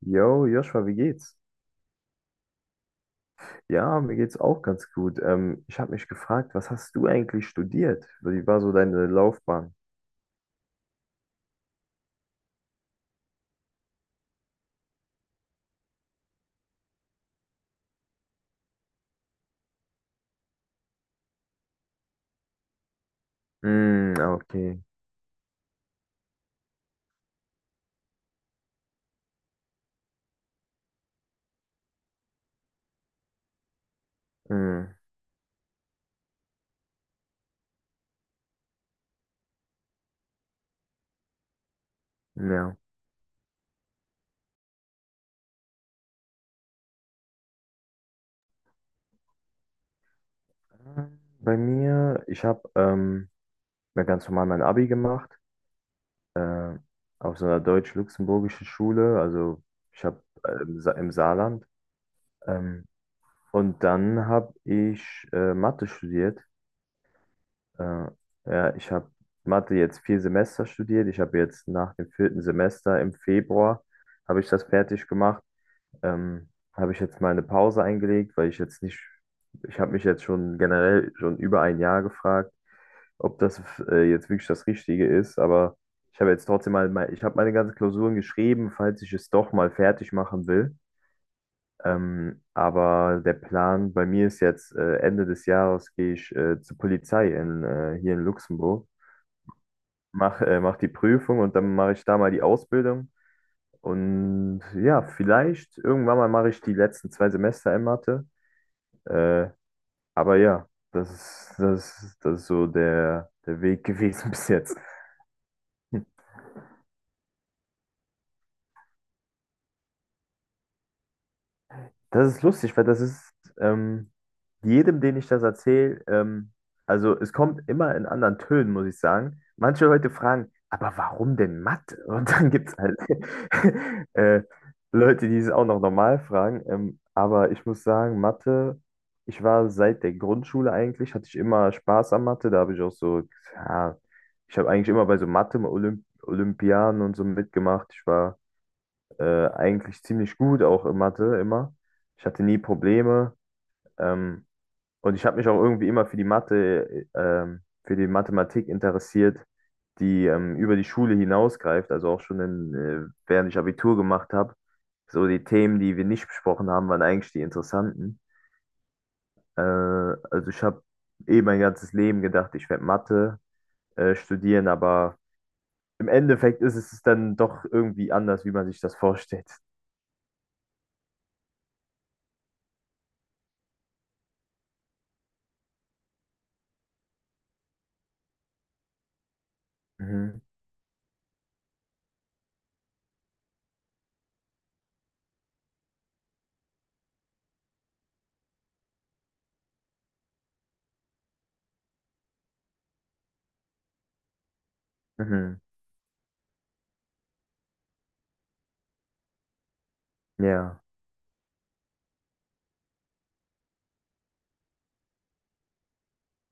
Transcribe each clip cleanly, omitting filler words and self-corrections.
Yo, Joshua, wie geht's? Ja, mir geht's auch ganz gut. Ich habe mich gefragt, was hast du eigentlich studiert? Wie war so deine Laufbahn? Mm, okay. Mm, ja. Bei mir, ich habe ja, ganz normal mein Abi gemacht, äh, auf so einer deutsch-luxemburgischen Schule, also ich habe im Saarland. Ähm, und dann habe ich Mathe studiert. Äh, ja, ich habe Mathe jetzt vier Semester studiert. Ich habe jetzt nach dem vierten Semester im Februar habe ich das fertig gemacht. Habe ich jetzt mal eine Pause eingelegt, weil ich jetzt nicht, ich habe mich jetzt schon generell schon über ein Jahr gefragt, ob das jetzt wirklich das Richtige ist. Aber ich habe jetzt trotzdem mal, ich habe meine ganzen Klausuren geschrieben, falls ich es doch mal fertig machen will. Aber der Plan bei mir ist jetzt, Ende des Jahres gehe ich zur Polizei in, hier in Luxemburg mach, mach die Prüfung und dann mache ich da mal die Ausbildung. Und ja, vielleicht irgendwann mal mache ich die letzten zwei Semester in Mathe. Äh, aber ja, das ist so der Weg gewesen bis jetzt. Das ist lustig, weil das ist ähm, jedem, den ich das erzähle, also es kommt immer in anderen Tönen, muss ich sagen. Manche Leute fragen, aber warum denn Mathe? Und dann gibt es halt äh, Leute, die es auch noch normal fragen. Aber ich muss sagen, Mathe, ich war seit der Grundschule eigentlich, hatte ich immer Spaß an Mathe. Da habe ich auch so, ja, ich habe eigentlich immer bei so Mathe-Olympiaden und so mitgemacht. Ich war eigentlich ziemlich gut, auch in Mathe immer. Ich hatte nie Probleme. Ähm, und ich habe mich auch irgendwie immer für die Mathe, für die Mathematik interessiert, die über die Schule hinausgreift. Also auch schon in, während ich Abitur gemacht habe. So die Themen, die wir nicht besprochen haben, waren eigentlich die interessanten. Also ich habe eh mein ganzes Leben gedacht, ich werde Mathe studieren, aber im Endeffekt ist es dann doch irgendwie anders, wie man sich das vorstellt. Mhm. Mhm. Ja.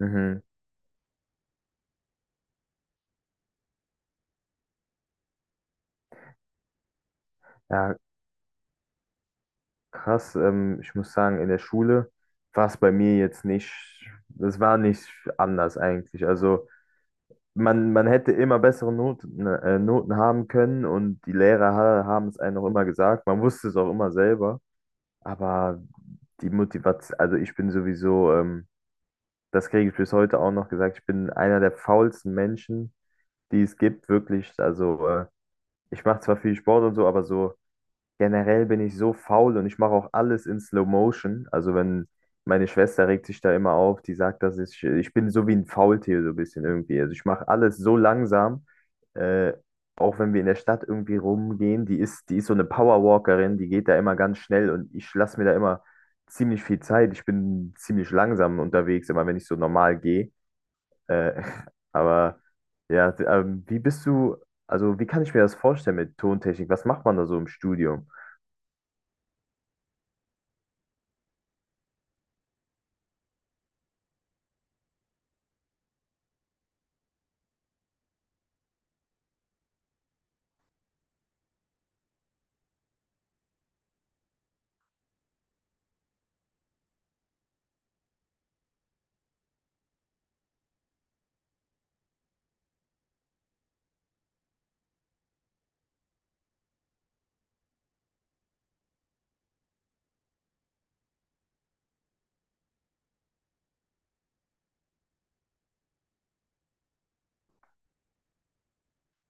Mhm. Ja, krass. Ich muss sagen, in der Schule war es bei mir jetzt nicht, es war nicht anders eigentlich. Also man hätte immer bessere Noten, ne, Noten haben können und die Lehrer ha haben es einem auch immer gesagt. Man wusste es auch immer selber. Aber die Motivation, also ich bin sowieso, das kriege ich bis heute auch noch gesagt, ich bin einer der faulsten Menschen, die es gibt, wirklich. Also ich mache zwar viel Sport und so, aber so. Generell bin ich so faul und ich mache auch alles in Slow Motion. Also wenn meine Schwester regt sich da immer auf, die sagt, dass ich bin so wie ein Faultier so ein bisschen irgendwie. Also ich mache alles so langsam. Äh, auch wenn wir in der Stadt irgendwie rumgehen, die ist so eine Powerwalkerin, die geht da immer ganz schnell und ich lasse mir da immer ziemlich viel Zeit. Ich bin ziemlich langsam unterwegs, immer wenn ich so normal gehe. Äh, aber ja, also wie kann ich mir das vorstellen mit Tontechnik? Was macht man da so im Studio?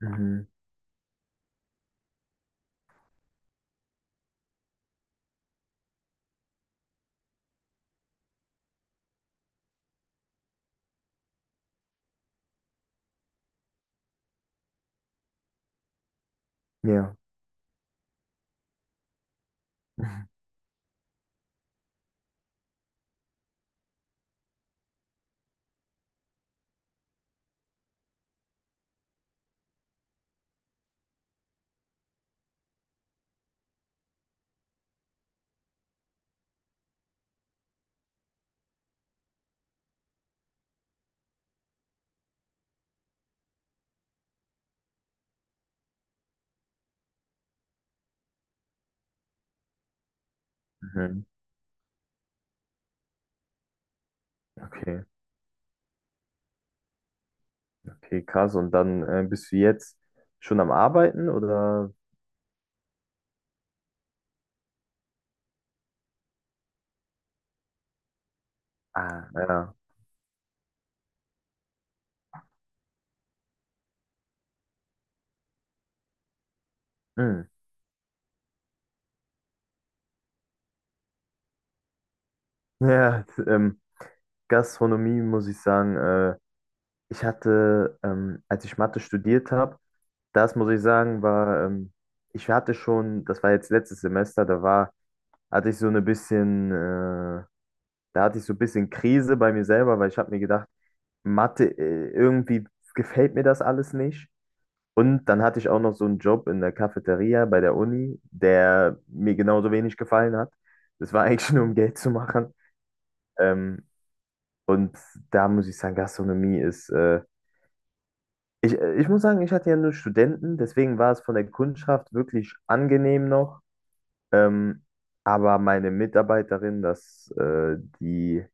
Mhm. Ja. Mhm. Okay, okay, krass. Und dann bist du jetzt schon am Arbeiten oder? Ah, ja. Mhm. Ja, Gastronomie muss ich sagen, ich hatte, als ich Mathe studiert habe, das muss ich sagen, war, ich hatte schon, das war jetzt letztes Semester, hatte ich so eine bisschen, da hatte ich so ein bisschen Krise bei mir selber, weil ich habe mir gedacht, Mathe, irgendwie gefällt mir das alles nicht. Und dann hatte ich auch noch so einen Job in der Cafeteria bei der Uni, der mir genauso wenig gefallen hat. Das war eigentlich nur um Geld zu machen. Ähm, und da muss ich sagen, Gastronomie ist, ich muss sagen, ich hatte ja nur Studenten, deswegen war es von der Kundschaft wirklich angenehm noch. Ähm, aber meine Mitarbeiterin, die.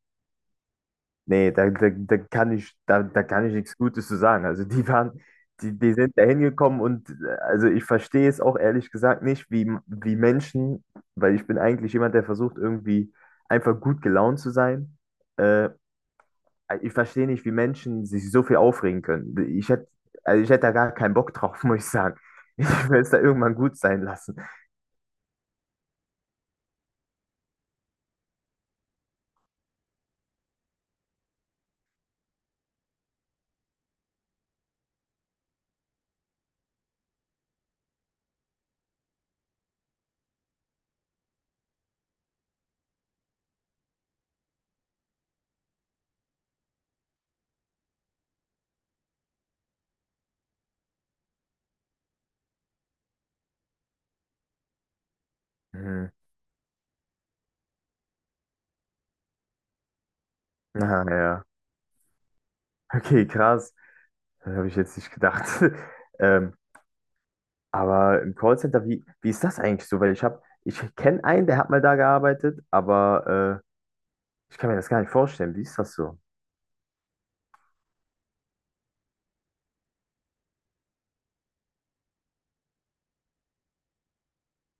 Nee, da kann ich, da kann ich nichts Gutes zu sagen. Also die waren, die sind da hingekommen und also ich verstehe es auch ehrlich gesagt nicht, wie Menschen, weil ich bin eigentlich jemand, der versucht, irgendwie einfach gut gelaunt zu sein. Äh, ich verstehe nicht, wie Menschen sich so viel aufregen können. Ich hätte, also ich hätte da gar keinen Bock drauf, muss ich sagen. Ich will es da irgendwann gut sein lassen. Hm. Ah, ja. Okay, krass. Das habe ich jetzt nicht gedacht. Ähm, Aber im Callcenter, wie ist das eigentlich so? Weil ich habe, ich kenne einen, der hat mal da gearbeitet, aber ich kann mir das gar nicht vorstellen. Wie ist das so?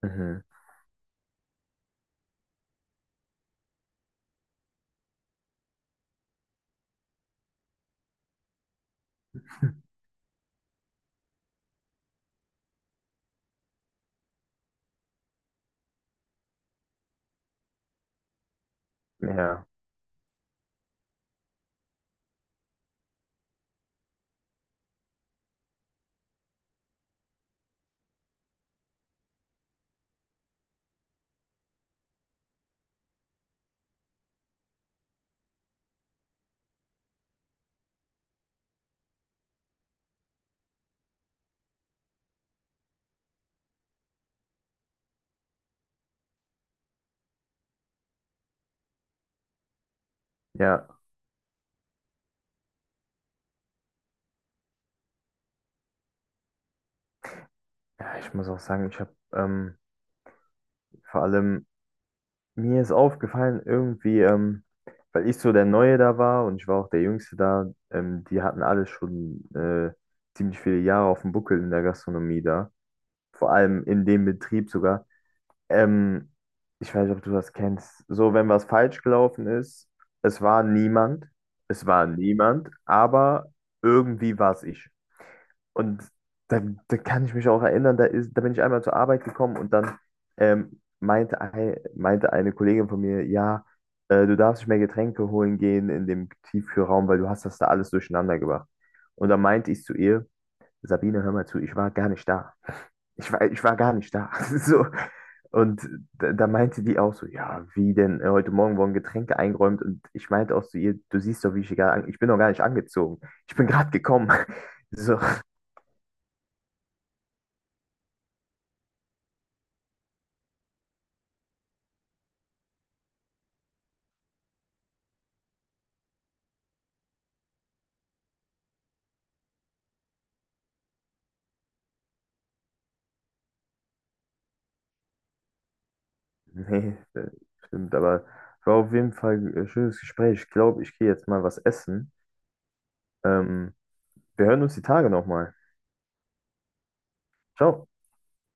Mhm. Ja, ja. Ja, ich muss auch sagen, ich habe vor allem, mir ist aufgefallen, irgendwie, weil ich so der Neue da war und ich war auch der Jüngste da, die hatten alle schon ziemlich viele Jahre auf dem Buckel in der Gastronomie da. Vor allem in dem Betrieb sogar. Ähm, ich weiß nicht, ob du das kennst. So, wenn was falsch gelaufen ist, es war niemand, es war niemand, aber irgendwie war es ich. Und da, da kann ich mich auch erinnern, da bin ich einmal zur Arbeit gekommen und dann meinte eine Kollegin von mir, ja, du darfst nicht mehr Getränke holen gehen in dem Tiefkühlraum, weil du hast das da alles durcheinander gebracht. Und dann meinte ich zu ihr, Sabine, hör mal zu, ich war gar nicht da. Ich war gar nicht da. So. Und da meinte die auch so, ja, wie denn, heute Morgen wurden Getränke eingeräumt und ich meinte auch zu ihr, du siehst doch, wie ich hier gerade, ich bin doch gar nicht angezogen. Ich bin gerade gekommen. So, nee, stimmt, aber war auf jeden Fall ein schönes Gespräch. Ich glaube, ich gehe jetzt mal was essen. Ähm, wir hören uns die Tage nochmal. Ciao.